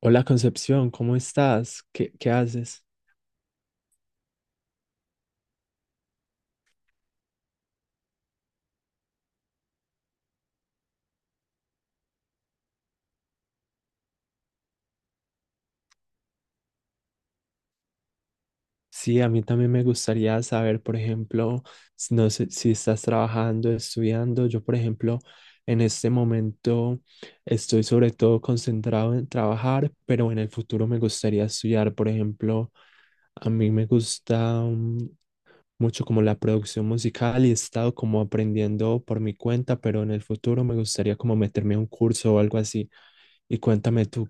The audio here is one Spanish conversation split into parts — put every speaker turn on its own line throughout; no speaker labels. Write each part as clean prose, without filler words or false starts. Hola Concepción, ¿cómo estás? ¿¿Qué haces? Sí, a mí también me gustaría saber, por ejemplo, no sé si estás trabajando, estudiando. Yo, por ejemplo, en este momento estoy sobre todo concentrado en trabajar, pero en el futuro me gustaría estudiar, por ejemplo, a mí me gusta mucho como la producción musical y he estado como aprendiendo por mi cuenta, pero en el futuro me gustaría como meterme a un curso o algo así. Y cuéntame tú.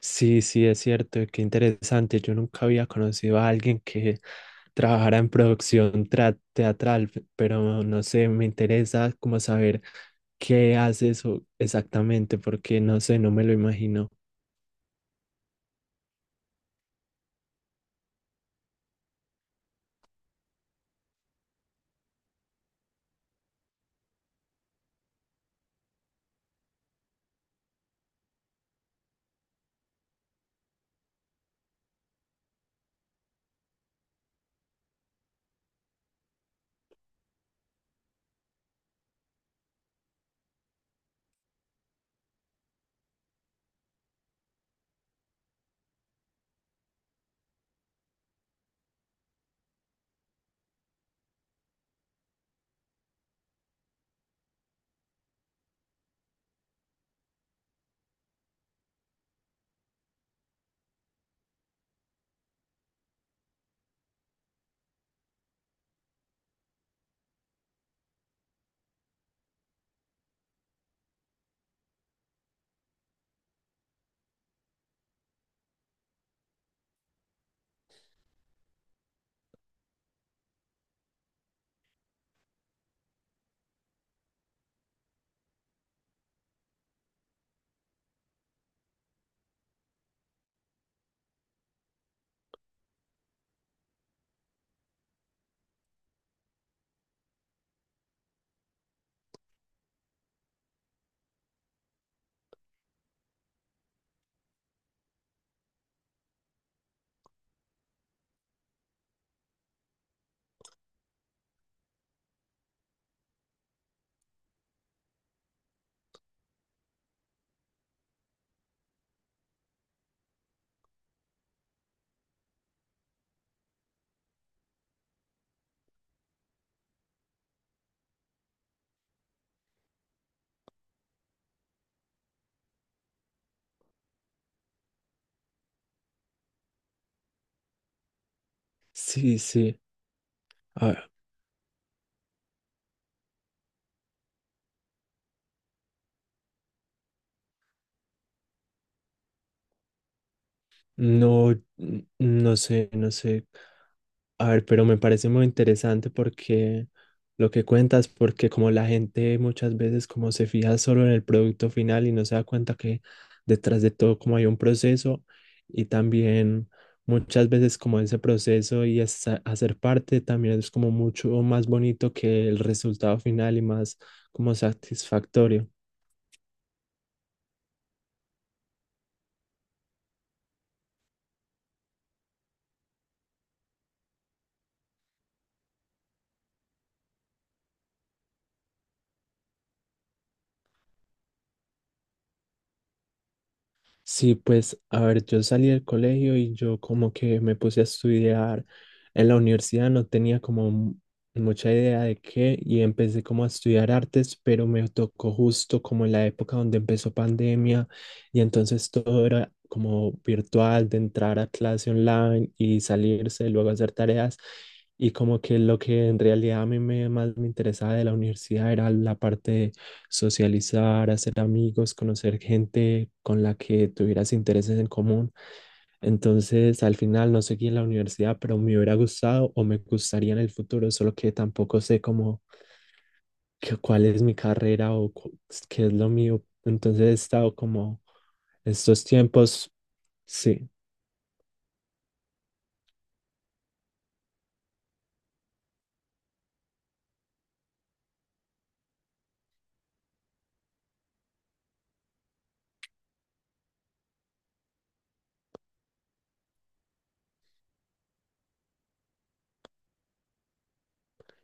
Sí, sí, es cierto, qué interesante. Yo nunca había conocido a alguien que trabajara en producción teatral, pero no sé, me interesa como saber qué hace eso exactamente, porque no sé, no me lo imagino. Sí, sí. A no, no sé, no sé. A ver, pero me parece muy interesante porque lo que cuentas, porque como la gente muchas veces como se fija solo en el producto final y no se da cuenta que detrás de todo como hay un proceso y también muchas veces como ese proceso y hacer parte también es como mucho más bonito que el resultado final y más como satisfactorio. Sí, pues, a ver, yo salí del colegio y yo como que me puse a estudiar en la universidad, no tenía como mucha idea de qué y empecé como a estudiar artes, pero me tocó justo como en la época donde empezó pandemia y entonces todo era como virtual, de entrar a clase online y salirse, luego hacer tareas y como que lo que en realidad a mí me, más me interesaba de la universidad era la parte socializar, hacer amigos, conocer gente con la que tuvieras intereses en común. Entonces, al final no seguí en la universidad, pero me hubiera gustado o me gustaría en el futuro, solo que tampoco sé cómo, cuál es mi carrera o qué es lo mío. Entonces, he estado como estos tiempos, sí.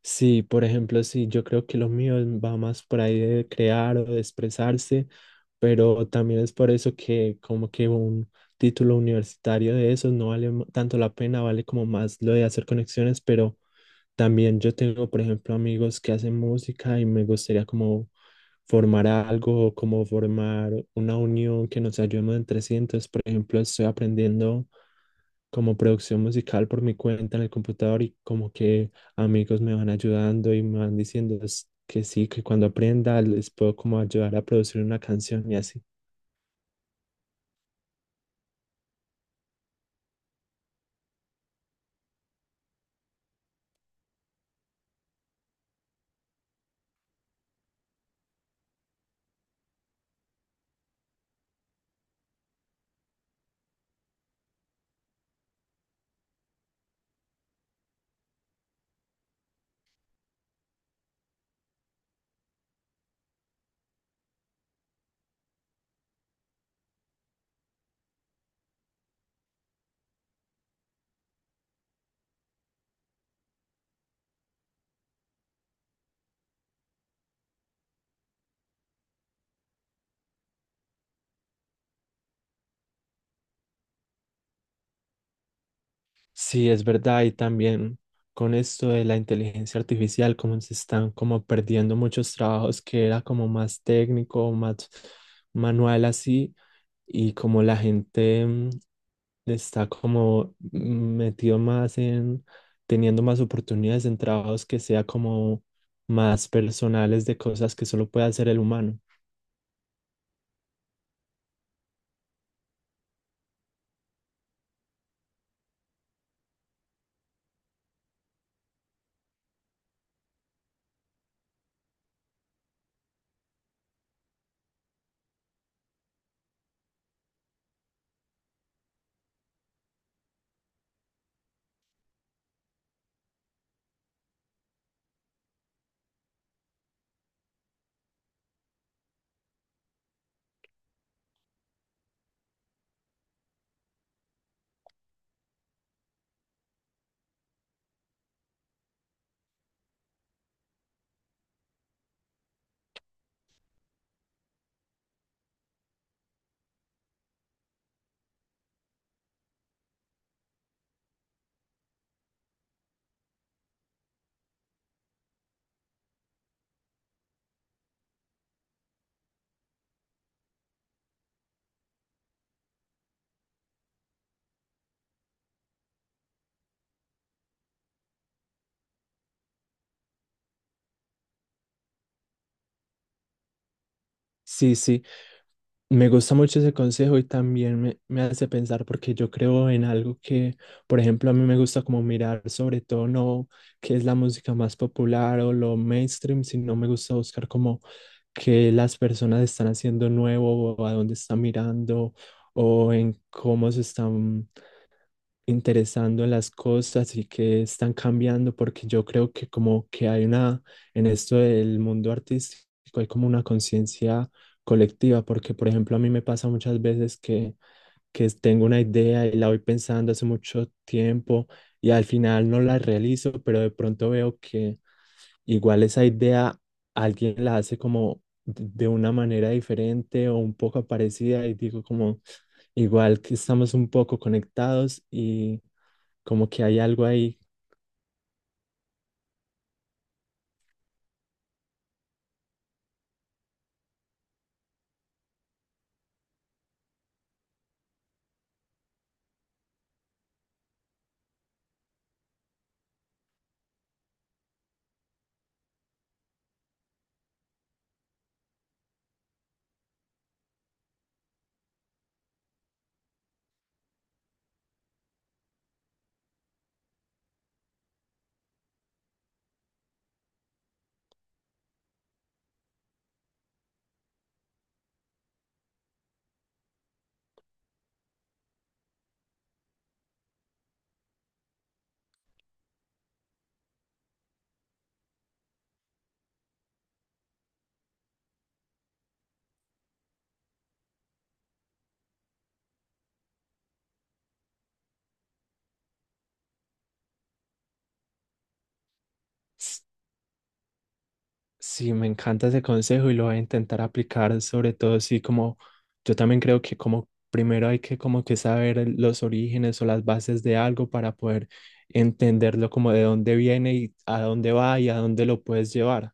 Sí, por ejemplo, sí, yo creo que lo mío va más por ahí de crear o de expresarse, pero también es por eso que como que un título universitario de eso no vale tanto la pena, vale como más lo de hacer conexiones, pero también yo tengo, por ejemplo, amigos que hacen música y me gustaría como formar algo, como formar una unión que nos ayudemos entre sí. Entonces, por ejemplo, estoy aprendiendo como producción musical por mi cuenta en el computador y como que amigos me van ayudando y me van diciendo que sí, que cuando aprenda les puedo como ayudar a producir una canción y así. Sí, es verdad y también con esto de la inteligencia artificial, como se están como perdiendo muchos trabajos que era como más técnico, más manual así y como la gente... está como metido más en teniendo más oportunidades en trabajos que sea como más personales de cosas que solo puede hacer el humano. Sí, sí, me gusta mucho ese consejo y también me hace pensar porque yo creo en algo que, por ejemplo, a mí me gusta como mirar sobre todo no qué es la música más popular o lo mainstream, sino me gusta buscar como qué las personas están haciendo nuevo o a dónde están mirando o en cómo se están interesando en las cosas y que están cambiando, porque yo creo que como que hay una, en esto del mundo artístico, hay como una conciencia colectiva, porque por ejemplo a mí me pasa muchas veces que tengo una idea y la voy pensando hace mucho tiempo y al final no la realizo, pero de pronto veo que igual esa idea alguien la hace como de una manera diferente o un poco parecida y digo como igual que estamos un poco conectados y como que hay algo ahí. S- Sí, me encanta ese consejo y lo voy a intentar aplicar, sobre todo si como yo también creo que como primero hay que como que saber los orígenes o las bases de algo para poder entenderlo como de dónde viene y a dónde va y a dónde lo puedes llevar.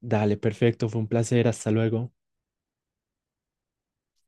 Dale, perfecto, fue un placer, hasta luego.